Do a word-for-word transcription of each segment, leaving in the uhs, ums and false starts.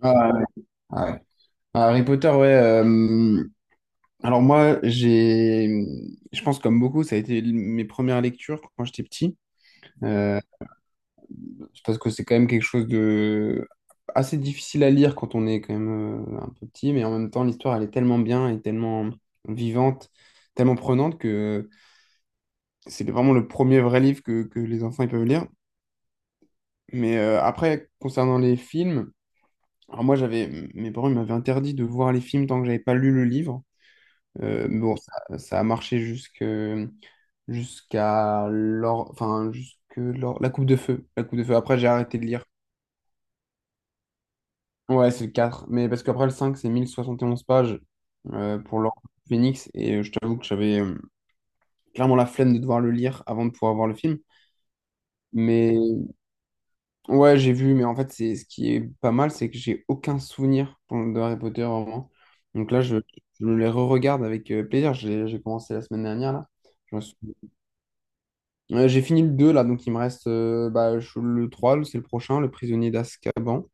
Ah, ouais. Ah, ouais. Ah, Harry Potter, ouais. Euh, alors moi, j'ai, je pense comme beaucoup, ça a été l- mes premières lectures quand j'étais petit. Euh, c'est parce que c'est quand même quelque chose de assez difficile à lire quand on est quand même euh, un peu petit, mais en même temps, l'histoire, elle est tellement bien et tellement vivante, tellement prenante que c'est vraiment le premier vrai livre que, que les enfants ils peuvent lire. Mais euh, après, concernant les films, alors moi, j'avais, mes parents ils m'avaient interdit de voir les films tant que j'avais pas lu le livre. Euh, mais bon, ça, ça a marché jusque, jusqu'à l'or- enfin, jusque l'or- la Coupe de Feu. La Coupe de Feu. Après, j'ai arrêté de lire. Ouais, c'est le quatre. Mais parce qu'après, le cinq c'est mille soixante et onze pages euh, pour l'Ordre du Phénix. Et euh, je t'avoue que j'avais euh, clairement la flemme de devoir le lire avant de pouvoir voir le film. Mais ouais, j'ai vu. Mais en fait, c'est ce qui est pas mal, c'est que j'ai aucun souvenir pour- de Harry Potter, vraiment. Donc là, je, je me les re-regarde avec euh, plaisir. J'ai j'ai commencé la semaine dernière, là. Euh, j'ai fini le deux là, donc il me reste euh, bah, je- le trois c'est le prochain, Le Prisonnier d'Azkaban.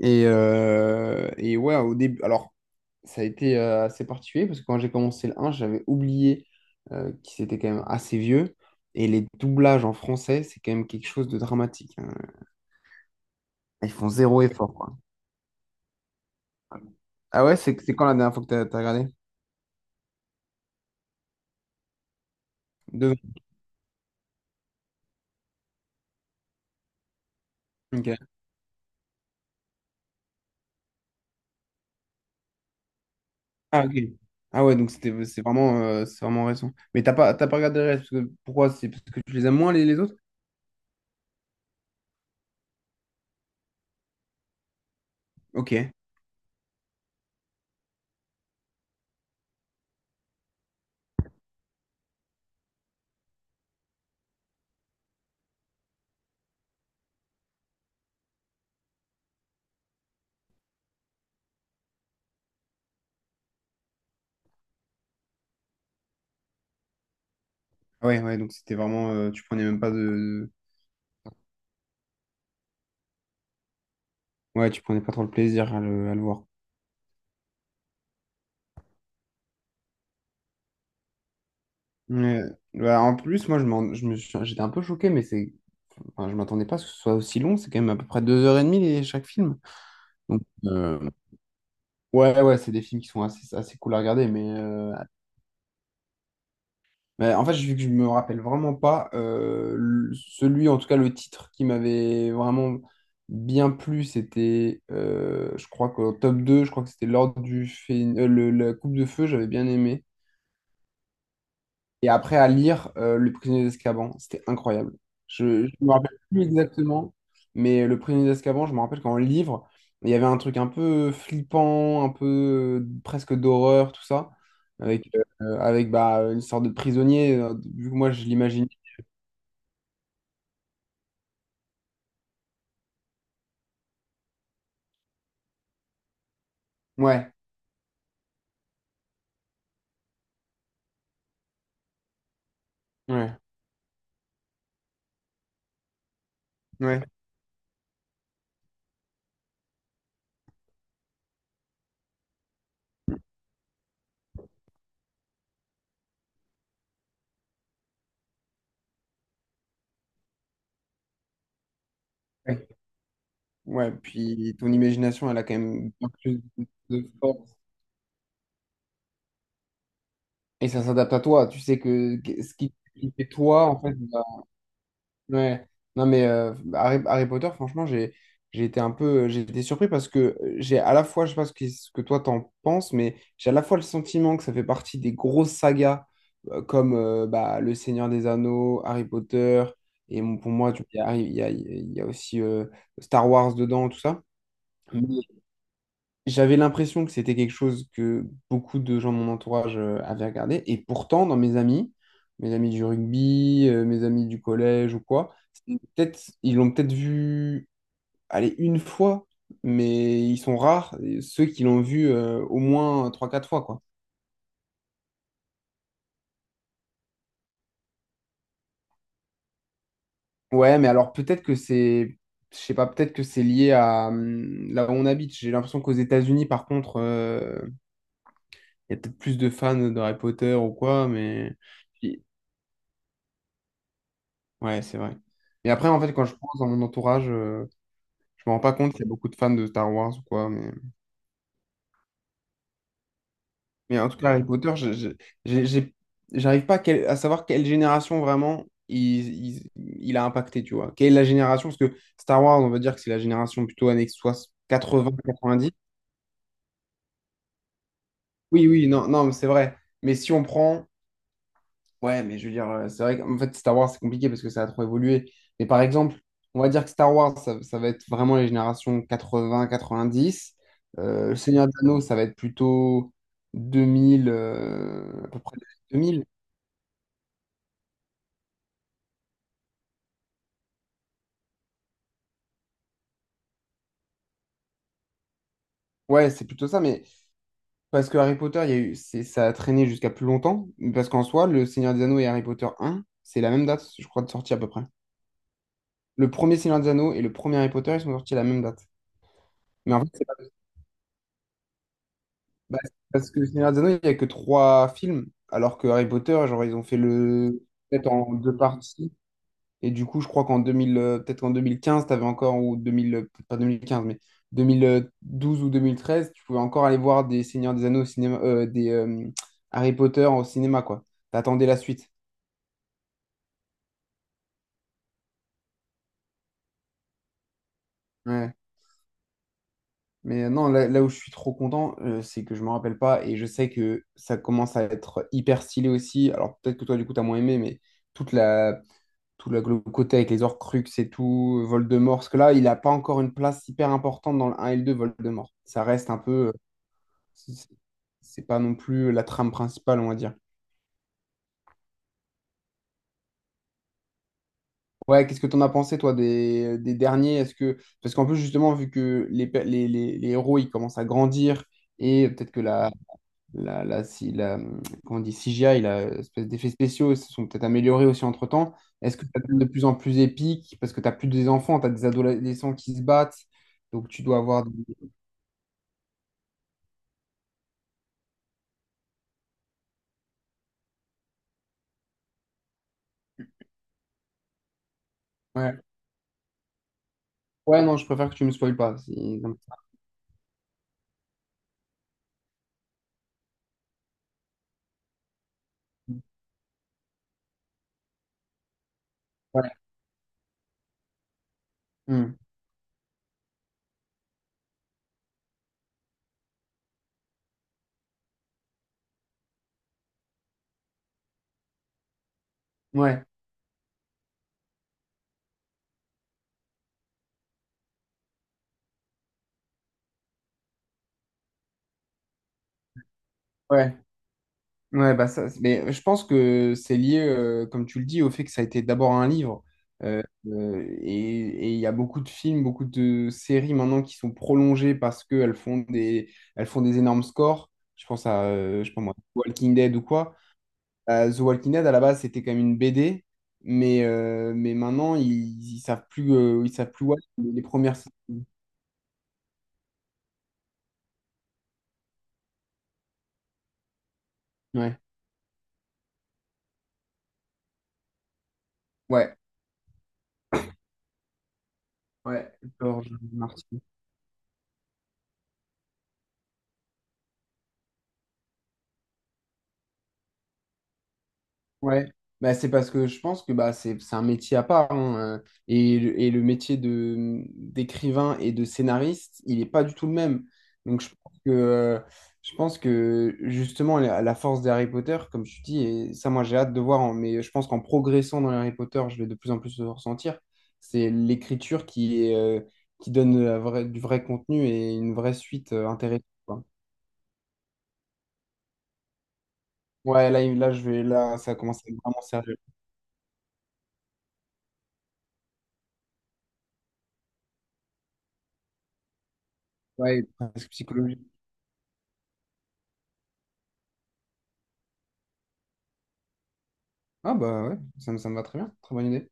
Et, euh, et ouais, au début, alors ça a été euh, assez particulier parce que quand j'ai commencé le un j'avais oublié euh, qu'il était quand même assez vieux. Et les doublages en français, c'est quand même quelque chose de dramatique, hein. Ils font zéro effort, quoi. Ah ouais, c'est c'est quand la dernière fois que t'as t'as regardé? Deux ans. Ok. Ah, ok. Ah ouais, donc c'était c'est vraiment, euh, c'est vraiment récent. Mais t'as pas, t'as pas regardé le reste, parce que, pourquoi? C'est parce que tu les aimes moins les, les autres? Ok. Ah ouais, ouais, donc c'était vraiment, euh, tu prenais même pas de. Ouais, tu prenais pas trop le plaisir à le, à le voir. Ouais. Bah, en plus, moi, je m'en- je me suis- j'étais un peu choqué, mais c'est. Enfin, je m'attendais pas à ce que ce soit aussi long. C'est quand même à peu près deux heures et demie les- chaque film. Donc, euh, ouais, ouais, c'est des films qui sont assez, assez cool à regarder. Mais, euh, mais en fait, vu que je me rappelle vraiment pas euh, le- celui, en tout cas, le titre qui m'avait vraiment bien plu, c'était, euh, je crois qu'au top deux, je crois que c'était l'ordre du Phé- euh, le- la Coupe de Feu, j'avais bien aimé. Et après, à lire euh, Le Prisonnier d'Azkaban, c'était incroyable. Je ne me rappelle plus exactement, mais Le Prisonnier d'Azkaban, je me rappelle qu'en livre, il y avait un truc un peu flippant, un peu euh, presque d'horreur, tout ça, avec, euh, avec bah, une sorte de prisonnier, euh, vu que moi je l'imagine. Ouais, ouais, ouais, ouais. Ouais, puis ton imagination, elle a quand même bien plus de force. Et ça s'adapte à toi. Tu sais que que- ce qui ce qui fait toi, en fait, bah, ouais. Non, mais euh, Harry, Harry Potter, franchement, j'ai j'ai été un peu, j'ai été surpris parce que euh, j'ai à la fois, je sais pas ce que, ce que toi t'en penses, mais j'ai à la fois le sentiment que ça fait partie des grosses sagas euh, comme euh, bah, Le Seigneur des Anneaux, Harry Potter, et mon- pour moi, tu- il y a, il y a- il y a aussi euh, Star Wars dedans, tout ça. J'avais l'impression que c'était quelque chose que beaucoup de gens de mon entourage euh, avaient regardé. Et pourtant, dans mes amis, mes amis du rugby, euh, mes amis du collège ou quoi, c'est peut-être, ils l'ont peut-être vu, allez, une fois, mais ils sont rares, euh, ceux qui l'ont vu euh, au moins trois quatre fois, quoi. Ouais, mais alors peut-être que c'est, je sais pas, peut-être que c'est lié à hum, là où on habite. J'ai l'impression qu'aux États-Unis, par contre, euh, il y a peut-être plus de fans d'Harry Potter ou quoi, mais... Ouais, c'est vrai. Et après, en fait, quand je pense dans mon entourage, euh, je me rends pas compte qu'il y a beaucoup de fans de Star Wars ou quoi. Mais, mais en tout cas, Harry Potter, je- je- j'ai- j'ai- j'arrive pas à, quel- à savoir quelle génération vraiment il, il- il a impacté, tu vois. Quelle est la génération? Parce que Star Wars, on va dire que c'est la génération plutôt années soix- quatre-vingts quatre-vingt-dix. Oui, oui, non, non, mais c'est vrai. Mais si on prend. Ouais, mais je veux dire, euh, c'est vrai qu'en fait, Star Wars, c'est compliqué parce que ça a trop évolué. Mais par exemple, on va dire que Star Wars, ça, ça va être vraiment les générations quatre-vingts quatre-vingt-dix. Euh, Le Seigneur des Anneaux, ça va être plutôt deux mille, euh, à peu près deux mille. Ouais, c'est plutôt ça, mais parce que Harry Potter, il y a eu, c'est, ça a traîné jusqu'à plus longtemps. Parce qu'en soi, le Seigneur des Anneaux et Harry Potter un, c'est la même date, je crois, de sortie à peu près. Le premier Seigneur des Anneaux et le premier Harry Potter, ils sont sortis à la même date. Mais en fait. Bah, c'est parce que Le Seigneur des Anneaux, il n'y a que trois films, alors que Harry Potter, genre, ils ont fait le... peut-être en deux parties. Et du coup, je crois qu'en deux mille, euh, peut-être qu'en deux mille quinze, t'avais encore, ou deux mille, euh, peut-être pas deux mille quinze, mais deux mille douze ou deux mille treize, tu pouvais encore aller voir des Seigneurs des Anneaux au cinéma, euh, des euh, Harry Potter au cinéma, quoi. T'attendais la suite. Ouais. Mais euh, non, là, là où je suis trop content, euh, c'est que je me rappelle pas et je sais que ça commence à être hyper stylé aussi. Alors peut-être que toi, du coup, t'as moins aimé, mais toute la tout le le côté avec les Horcrux et tout, Voldemort, parce que là, il n'a pas encore une place hyper importante dans le un et le deux, Voldemort. Ça reste un peu... euh, c'est c'est pas non plus la trame principale, on va dire. Ouais, qu'est-ce que t'en as pensé, toi, des, des derniers? Est-ce que... Parce qu'en plus, justement, vu que les, pe- les, les, les héros, ils commencent à grandir, et peut-être que la, la, la- si, la, comment on dit, C G I, la espèce d'effets spéciaux se sont peut-être améliorés aussi entre-temps. Est-ce que ça devient de plus en plus épique? Parce que tu n'as plus des enfants, tu as des adolescents qui se battent. Donc tu dois avoir des... Ouais. Ouais, non, je préfère que tu me spoiles pas, si- Ouais. Hmm. Ouais. Ouais. Ouais, bah ça, c'est- mais je pense que c'est lié, euh, comme tu le dis, au fait que ça a été d'abord un livre. Euh, euh, et et il y a beaucoup de films, beaucoup de séries maintenant qui sont prolongées parce qu'elles font des, elles font des énormes scores. Je pense à, euh, je sais pas moi, Walking Dead ou quoi. Euh, The Walking Dead, à la base, c'était quand même une B D, mais, euh, mais maintenant, ils, ils savent plus, euh, ils savent plus où aller. Les premières saisons. Ouais, ouais, ouais, George Martin. Ouais, bah, c'est parce que je pense que bah, c'est c'est un métier à part, hein, euh, et, le- et le métier de d'écrivain et de scénariste, il n'est pas du tout le même. Donc je pense que, euh, je pense que justement, la, la force d'Harry Potter, comme tu dis, et ça moi j'ai hâte de voir, hein, mais je pense qu'en progressant dans Harry Potter, je vais de plus en plus le ressentir, c'est l'écriture qui, est, euh, qui donne de la vraie- du vrai contenu et une vraie suite euh, intéressante, quoi. Ouais, là, il- là, je vais, là, ça commence à être vraiment sérieux. Ouais, presque psychologique. Ah bah ouais, ça me, ça me va très bien, très bonne idée.